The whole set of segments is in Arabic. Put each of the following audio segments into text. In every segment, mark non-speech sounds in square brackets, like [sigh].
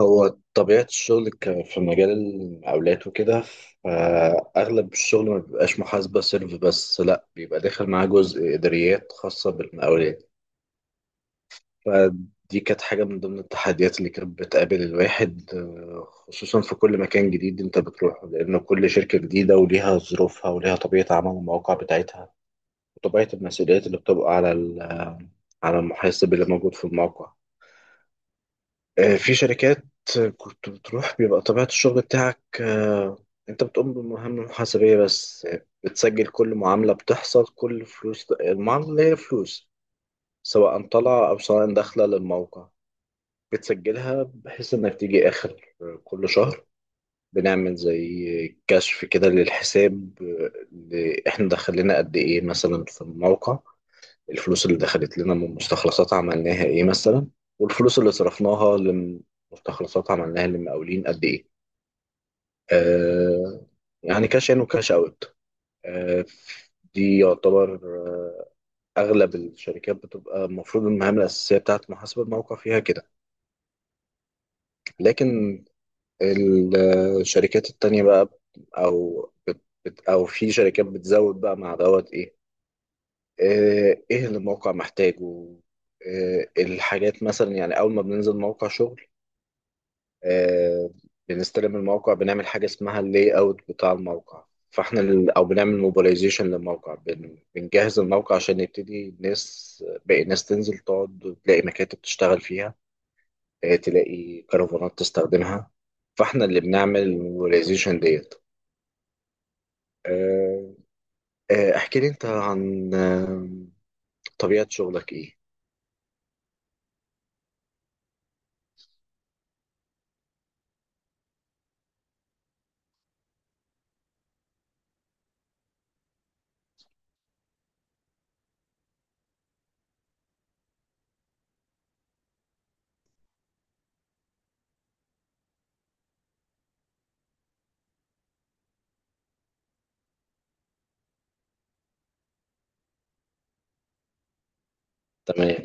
هو طبيعة الشغل في مجال المقاولات وكده، فأغلب الشغل ما بيبقاش محاسبة سيرف بس، لأ، بيبقى داخل معاه جزء إداريات خاصة بالمقاولات. فدي كانت حاجة من ضمن التحديات اللي كانت بتقابل الواحد، خصوصا في كل مكان جديد أنت بتروحه، لأن كل شركة جديدة وليها ظروفها وليها طبيعة عمل المواقع بتاعتها، وطبيعة المسؤوليات اللي بتبقى على على المحاسب اللي موجود في الموقع. في شركات كنت بتروح بيبقى طبيعة الشغل بتاعك، انت بتقوم بمهام محاسبية بس، بتسجل كل معاملة بتحصل، كل فلوس المعاملة اللي هي فلوس سواء طالعة أو سواء داخلة للموقع، بتسجلها بحيث إنك تيجي آخر كل شهر بنعمل زي كشف كده للحساب، اللي إحنا دخلنا قد إيه مثلا في الموقع. الفلوس اللي دخلت لنا من مستخلصات عملناها ايه مثلا، والفلوس اللي صرفناها لمستخلصات عملناها لمقاولين قد ايه. آه يعني كاش ان وكاش اوت. آه دي يعتبر اغلب الشركات بتبقى المفروض المهام الاساسيه بتاعت محاسبه الموقع فيها كده. لكن الشركات التانية بقى، او او في شركات بتزود بقى مع دوت ايه، ايه اللي الموقع محتاجه. الحاجات مثلا، يعني اول ما بننزل موقع شغل آه، بنستلم الموقع، بنعمل حاجه اسمها اللاي اوت بتاع الموقع، فاحنا ال- او بنعمل موبيلايزيشن للموقع، بنجهز الموقع عشان يبتدي الناس، باقي الناس، تنزل تقعد تلاقي مكاتب تشتغل فيها، تلاقي كرفانات تستخدمها. فاحنا اللي بنعمل الموبيلايزيشن ديت. آه، احكي لي انت عن طبيعه شغلك ايه؟ تمام.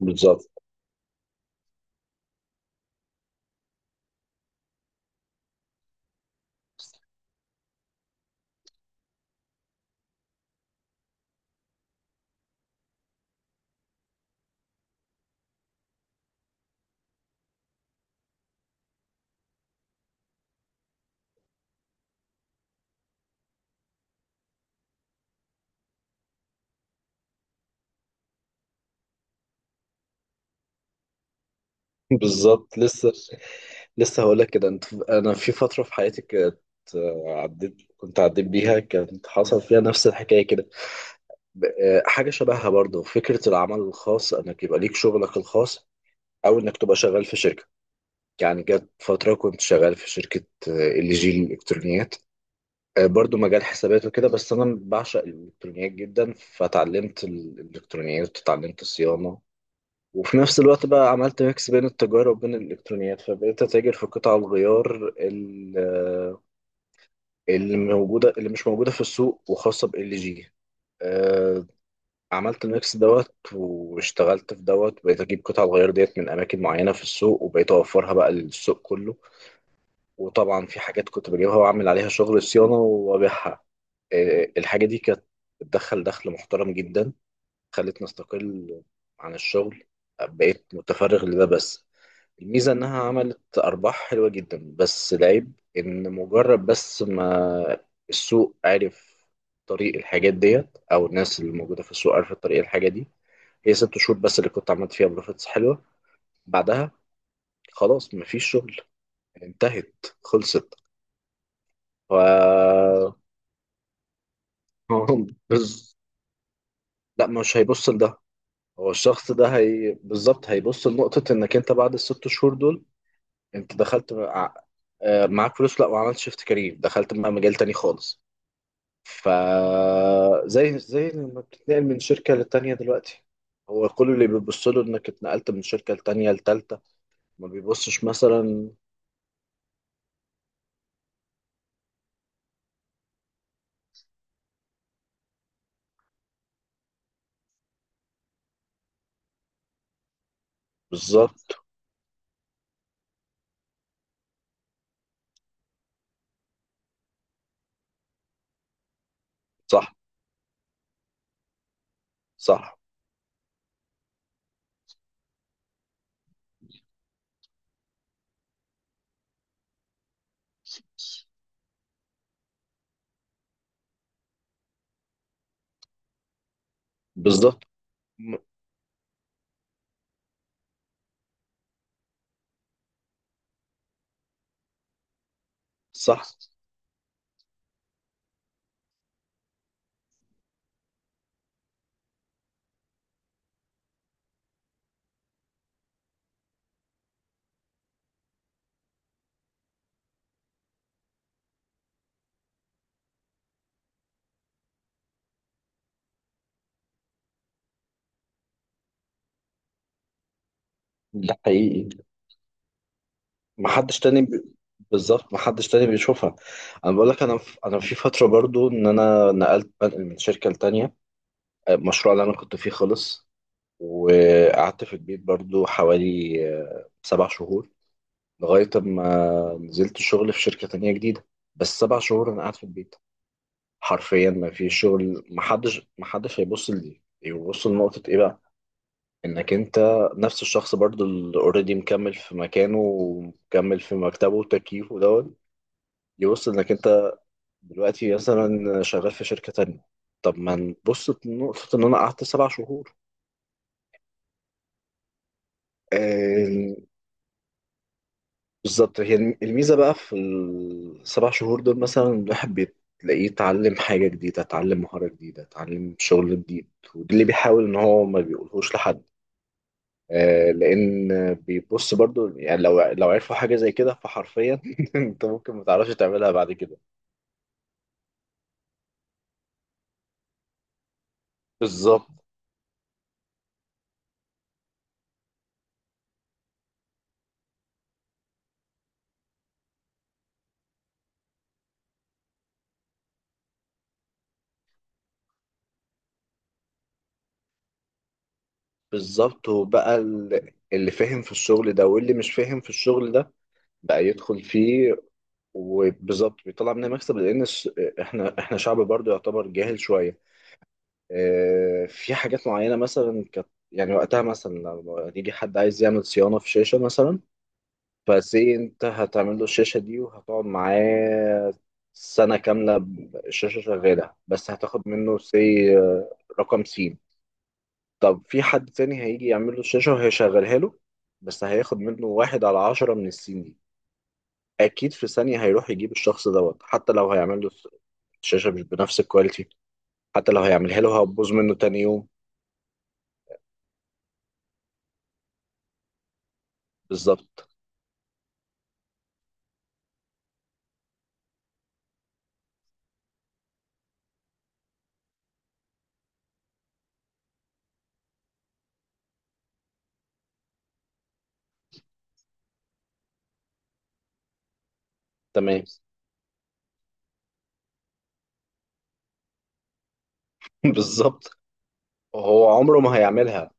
بالظبط. بالظبط، لسه هقول لك كده. انت، انا في فتره في حياتي كانت، عديت، كنت عديت بيها، كانت حصل فيها نفس الحكايه كده حاجه شبهها، برضه فكره العمل الخاص، انك يبقى ليك شغلك الخاص او انك تبقى شغال في شركه. يعني جت فتره كنت شغال في شركه آه، ال جي الالكترونيات، برضه مجال حسابات وكده، بس انا بعشق الالكترونيات جدا، فتعلمت الالكترونيات وتعلمت الصيانه. وفي نفس الوقت بقى عملت ميكس بين التجارة وبين الإلكترونيات، فبقيت أتاجر في قطع الغيار اللي موجودة، اللي مش موجودة في السوق، وخاصة بال جي. آه، عملت الميكس دوت، واشتغلت في دوت، بقيت أجيب قطع الغيار ديت من أماكن معينة في السوق، وبقيت أوفرها بقى للسوق كله. وطبعا في حاجات كنت بجيبها وأعمل عليها شغل صيانة وأبيعها. الحاجة دي كانت بتدخل دخل محترم جدا، خلتني أستقل عن الشغل، بقيت متفرغ لده بس. الميزة إنها عملت أرباح حلوة جدا، بس العيب إن مجرد بس ما السوق عرف طريق الحاجات ديت، أو الناس اللي موجودة في السوق عرفت طريق الحاجة دي. هي 6 شهور بس اللي كنت عملت فيها بروفيتس حلوة، بعدها خلاص مفيش شغل. انتهت، خلصت. ف [laughs] هو بز... لا، مش هيبص لده. هو الشخص ده هي بالظبط هيبص لنقطة إنك أنت بعد الست شهور دول، أنت دخلت، معاك فلوس، لا، وعملت شيفت كارير، دخلت بقى مجال تاني خالص. فزي لما بتتنقل من شركة للتانية دلوقتي، هو كل اللي بيبص له انك اتنقلت من شركة لتانية لتالتة، ما بيبصش مثلا. بالظبط. صح. صح بالظبط م- صح. ده حقيقي. ما حدش تاني بي... بالظبط. ما حدش تاني بيشوفها. انا بقول لك، انا في فترة برضو، ان انا نقلت بنقل من شركة لتانية، المشروع اللي انا كنت فيه خلص، وقعدت في البيت برضو حوالي سبع شهور، لغاية أما نزلت شغل في شركة تانية جديدة. بس 7 شهور أنا قاعد في البيت، حرفيا ما في شغل. محدش هيبص لدي، يبص لنقطة إيه بقى؟ إنك أنت نفس الشخص برضو اللي أوريدي مكمل في مكانه، ومكمل في مكتبه وتكييفه دوت. يبص إنك أنت دلوقتي مثلا شغال في شركة تانية، طب ما نبص لنقطة إن أنا قعدت 7 شهور؟ آه، بالظبط. هي الميزة بقى في السبع شهور دول مثلا الواحد بتلاقيه اتعلم حاجة جديدة، اتعلم مهارة جديدة، اتعلم شغل جديد. وده اللي بيحاول ان هو ما بيقولهوش لحد. لان بيبص برضو، يعني لو عرفوا حاجة زي كده، فحرفيا [laughs] انت ممكن ما تعرفش تعملها بعد كده. بالظبط. بالظبط. وبقى اللي فاهم في الشغل ده واللي مش فاهم في الشغل ده بقى يدخل فيه. وبالظبط بيطلع منها مكسب، لان احنا شعب برضو يعتبر جاهل شوية. في حاجات معينة مثلا كانت يعني وقتها، مثلا لو يجي حد عايز يعمل صيانة في شاشة مثلا، فازاي انت هتعمل له الشاشة دي، وهتقعد معاه سنة كاملة الشاشة شغالة، بس هتاخد منه رقم سين. طب في حد تاني هيجي يعمل له الشاشة وهيشغلها له، بس هياخد منه 1/10 من السين دي. أكيد في ثانية هيروح يجيب الشخص دوت، حتى لو هيعمل له الشاشة مش بنفس الكواليتي، حتى لو هيعملها له هتبوظ منه تاني يوم. بالظبط. تمام. [laughs] بالظبط. هو عمره ما هيعملها.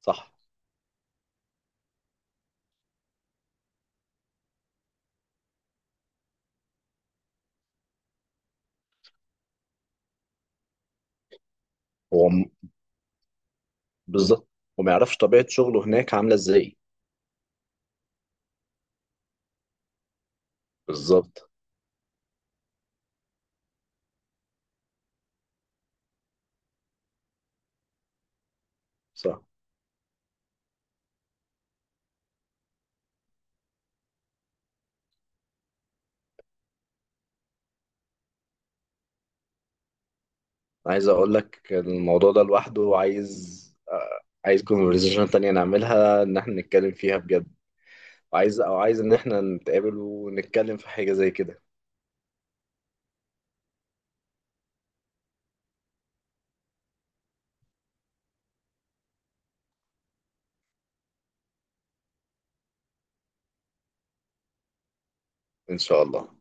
صح. هو م- بالظبط. وما يعرفش طبيعة شغله هناك عاملة ازاي. بالظبط. صح. عايز اقول لك الموضوع ده لوحده، عايز، عايز كونفرزيشن تانية نعملها، ان احنا نتكلم فيها بجد. عايز، او عايز ان احنا نتقابل ونتكلم في حاجة زي كده. ان شاء الله.